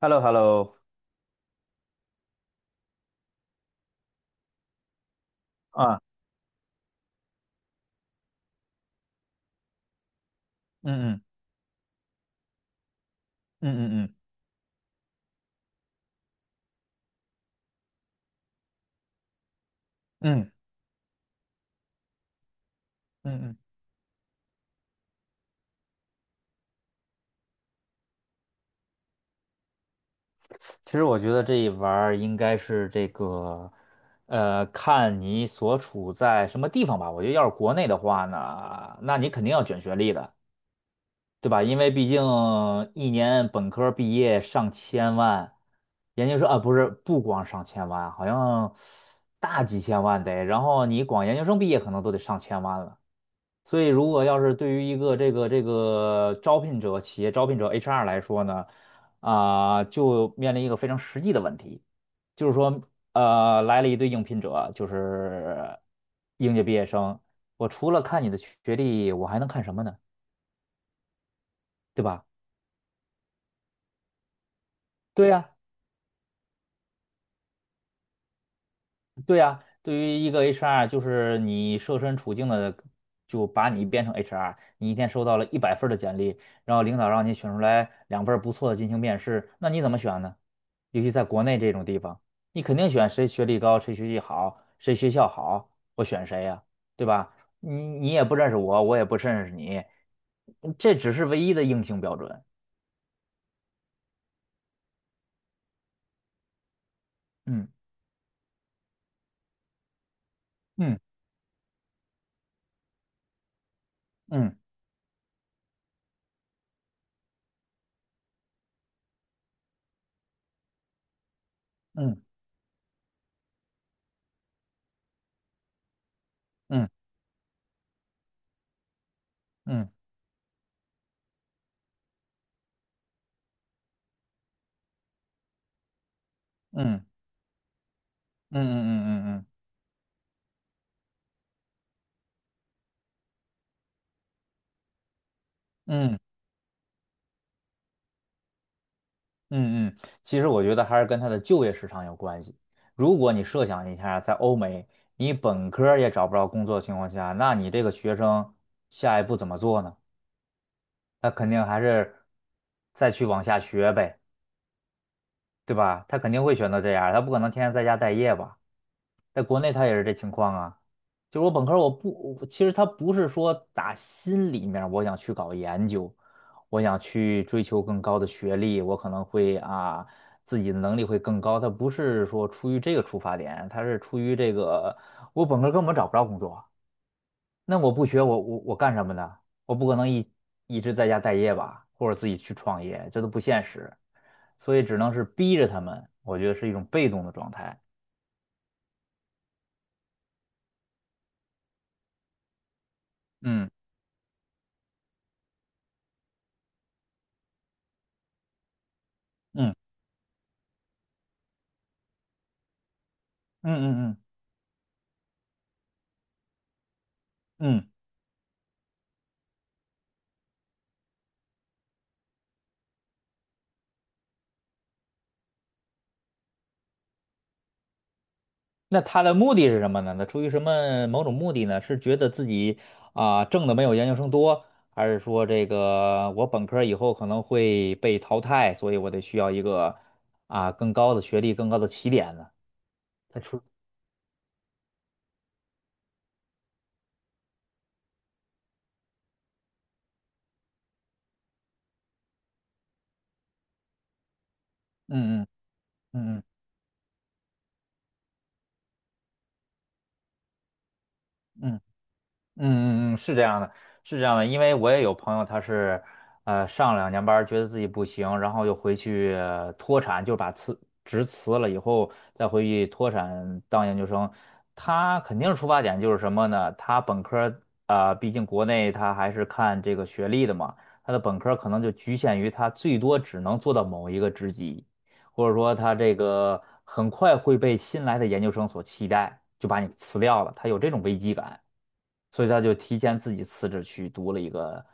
h e l l o h e l l o。 啊。嗯嗯嗯嗯嗯嗯嗯嗯其实我觉得这一玩儿应该是这个，看你所处在什么地方吧。我觉得要是国内的话呢，那你肯定要卷学历的，对吧？因为毕竟一年本科毕业上千万，研究生啊，不是，不光上千万，好像大几千万得，然后你光研究生毕业可能都得上千万了。所以，如果要是对于一个这个招聘者、企业招聘者 HR 来说呢，就面临一个非常实际的问题，就是说，来了一堆应聘者，就是应届毕业生，我除了看你的学历，我还能看什么呢？对吧？对呀，对呀，对于一个 HR，就是你设身处境的就把你变成 HR，你一天收到了100份儿的简历，然后领导让你选出来2份儿不错的进行面试，那你怎么选呢？尤其在国内这种地方，你肯定选谁学历高，谁学习好，谁学校好，我选谁呀，对吧？你你也不认识我，我也不认识你，这只是唯一的硬性标准。嗯嗯嗯嗯嗯嗯嗯嗯嗯嗯嗯嗯嗯嗯嗯嗯。嗯嗯，其实我觉得还是跟他的就业市场有关系。如果你设想一下，在欧美，你本科儿也找不着工作的情况下，那你这个学生下一步怎么做呢？他肯定还是再去往下学呗，对吧？他肯定会选择这样儿他不可能天天在家待业吧？在国内他也是这情况啊。就是我本科儿我其实他不是说打心里面儿我想去搞研究，我想去追求更高的学历，我可能会啊自己的能力会更高。他不是说出于这个出发点，他是出于这个我本科儿根本找不着工作，那我不学我干什么呢？我不可能一直在家待业吧，或者自己去创业，这都不现实，所以只能是逼着他们，我觉得是一种被动的状态。嗯嗯嗯嗯嗯。嗯，那他的目的是什么呢？那出于什么某种目的呢？是觉得自己挣的没有研究生多，还是说这个我本科儿以后可能会被淘汰，所以我得需要一个更高的学历、更高的起点呢？他出，嗯嗯嗯嗯嗯是这样的，是这样的，因为我也有朋友，他是，上2年班儿觉得自己不行，然后又回去脱产，就把辞职辞了以后，再回去脱产当研究生。他肯定出发点就是什么呢？他本科毕竟国内他还是看这个学历的嘛，他的本科儿可能就局限于他最多只能做到某一个职级，或者说他这个很快会被新来的研究生所替代，就把你辞掉了，他有这种危机感。所以他就提前自己辞职去读了一个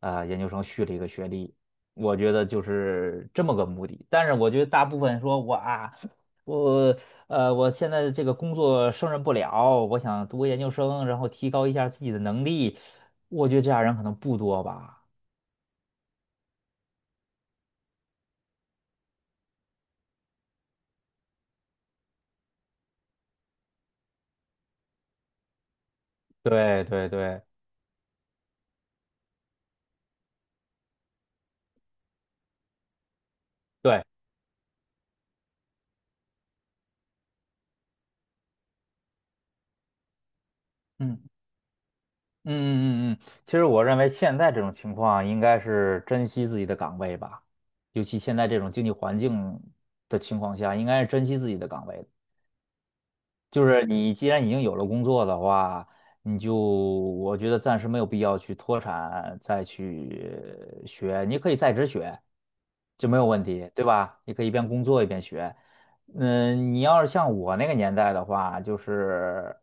研究生，续了一个学历。我觉得就是这么个目的。但是我觉得大部分说我啊，我我现在这个工作胜任不了，我想读个研究生，然后提高一下自己的能力。我觉得这样人可能不多吧。对对对对，嗯。嗯嗯嗯，嗯，其实我认为现在这种情况应该是珍惜自己的岗位吧，尤其现在这种经济环境的情况下，应该是珍惜自己的岗位的。就是你既然已经有了工作的话，你就我觉得暂时没有必要去脱产再去学，你可以在职学，就没有问题，对吧？你可以一边工作一边学。你要是像我那个年代的话，就是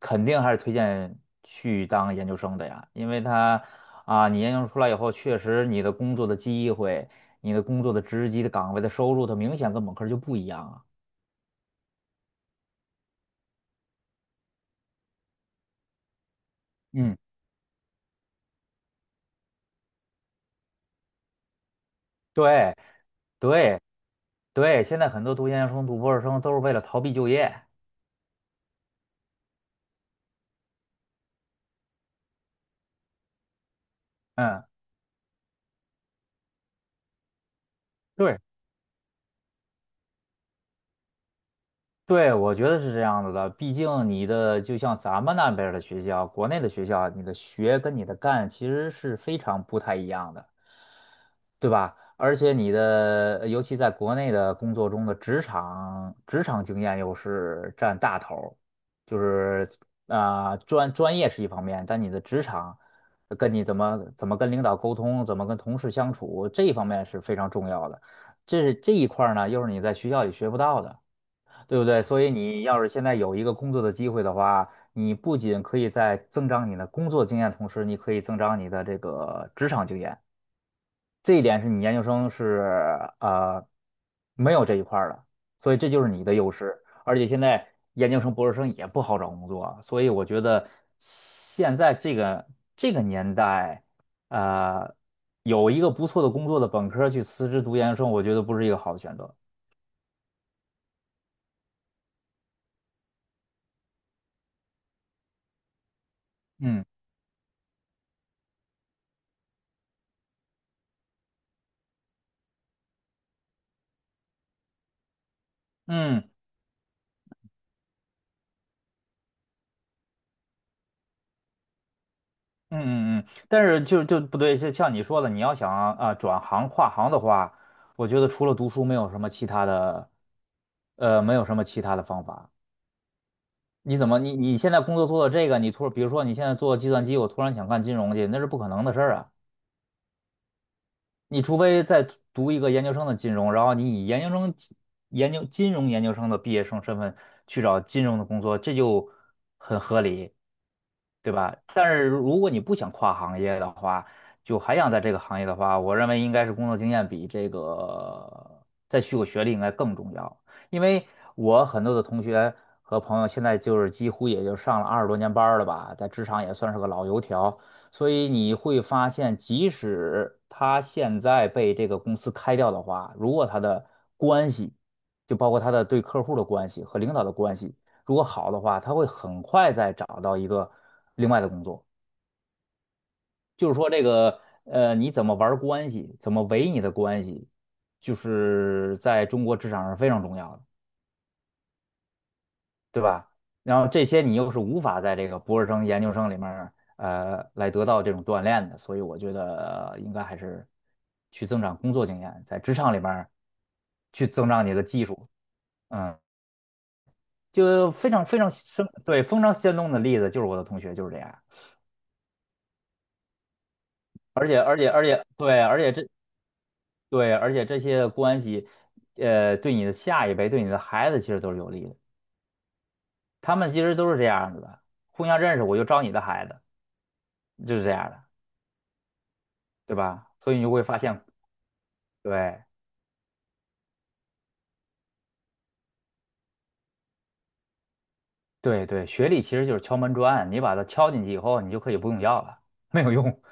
肯定还是推荐去当研究生的呀，因为你研究生出来以后，确实你的工作的机会、你的工作的职级的岗位的收入，它明显跟本科就不一样啊。嗯，对。对，对，现在很多读研究生、读博士生都是为了逃避就业。嗯，对，对，我觉得是这样子的。毕竟你的就像咱们那边儿的学校，国内的学校，你的学跟你的干其实是非常不太一样的。对吧？而且你的，尤其在国内的工作中的职场经验又是占大头儿，就是专业是一方面，但你的职场跟你怎么跟领导沟通，怎么跟同事相处，这一方面是非常重要的。这是这一块儿呢，又是你在学校里学不到的，对不对？所以你要是现在有一个工作的机会的话，你不仅可以在增长你的工作经验，同时你可以增长你的这个职场经验。这一点是你研究生是呃没有这一块儿的，所以这就是你的优势。而且现在研究生、博士生也不好找工作，所以我觉得现在这个年代，呃，有一个不错的工作的本科儿去辞职读研究生，我觉得不是一个好的选择。嗯嗯嗯，但是就不对，就像你说的，你要想转行跨行的话，我觉得除了读书，没有什么其他的，没有什么其他的方法。你怎么你你现在工作做到这个，比如说你现在做计算机，我突然想干金融去，那是不可能的事儿啊。你除非再读一个研究生的金融，然后你以研究生、研究金融研究生的毕业生身份去找金融的工作，这就很合理，对吧？但是如果你不想跨行业的话，就还想在这个行业的话，我认为应该是工作经验比这个再续个学历应该更重要。因为我很多的同学和朋友现在就是几乎也就上了20多年班儿了吧，在职场也算是个老油条。所以你会发现，即使他现在被这个公司开掉的话，如果他的关系，就包括他的对客户的关系和领导的关系，如果好的话，他会很快再找到一个另外的工作。就是说，这个你怎么玩关系，怎么维你的关系，就是在中国职场上非常重要的。对吧？然后这些你又是无法在这个博士生、研究生里面儿来得到这种锻炼的，所以我觉得，应该还是去增长工作经验，在职场里面儿去增长你的技术，嗯，就非常非常生，对，非常生动的例子就是我的同学就是这样，而且对，而且这对，而且这些关系，对你的下一辈，对你的孩子其实都是有利的，他们其实都是这样子的，互相认识，我就招你的孩子，就是这样的。对吧？所以你就会发现，对对对，学历其实就是敲门砖，你把它敲进去以后，你就可以不用要了，没有用，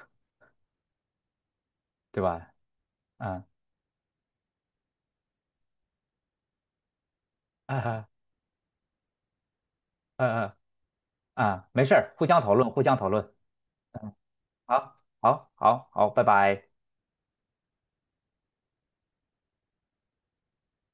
对吧？啊啊啊啊啊！没事儿，互相讨论，互相讨论。好，好，好，好，拜拜。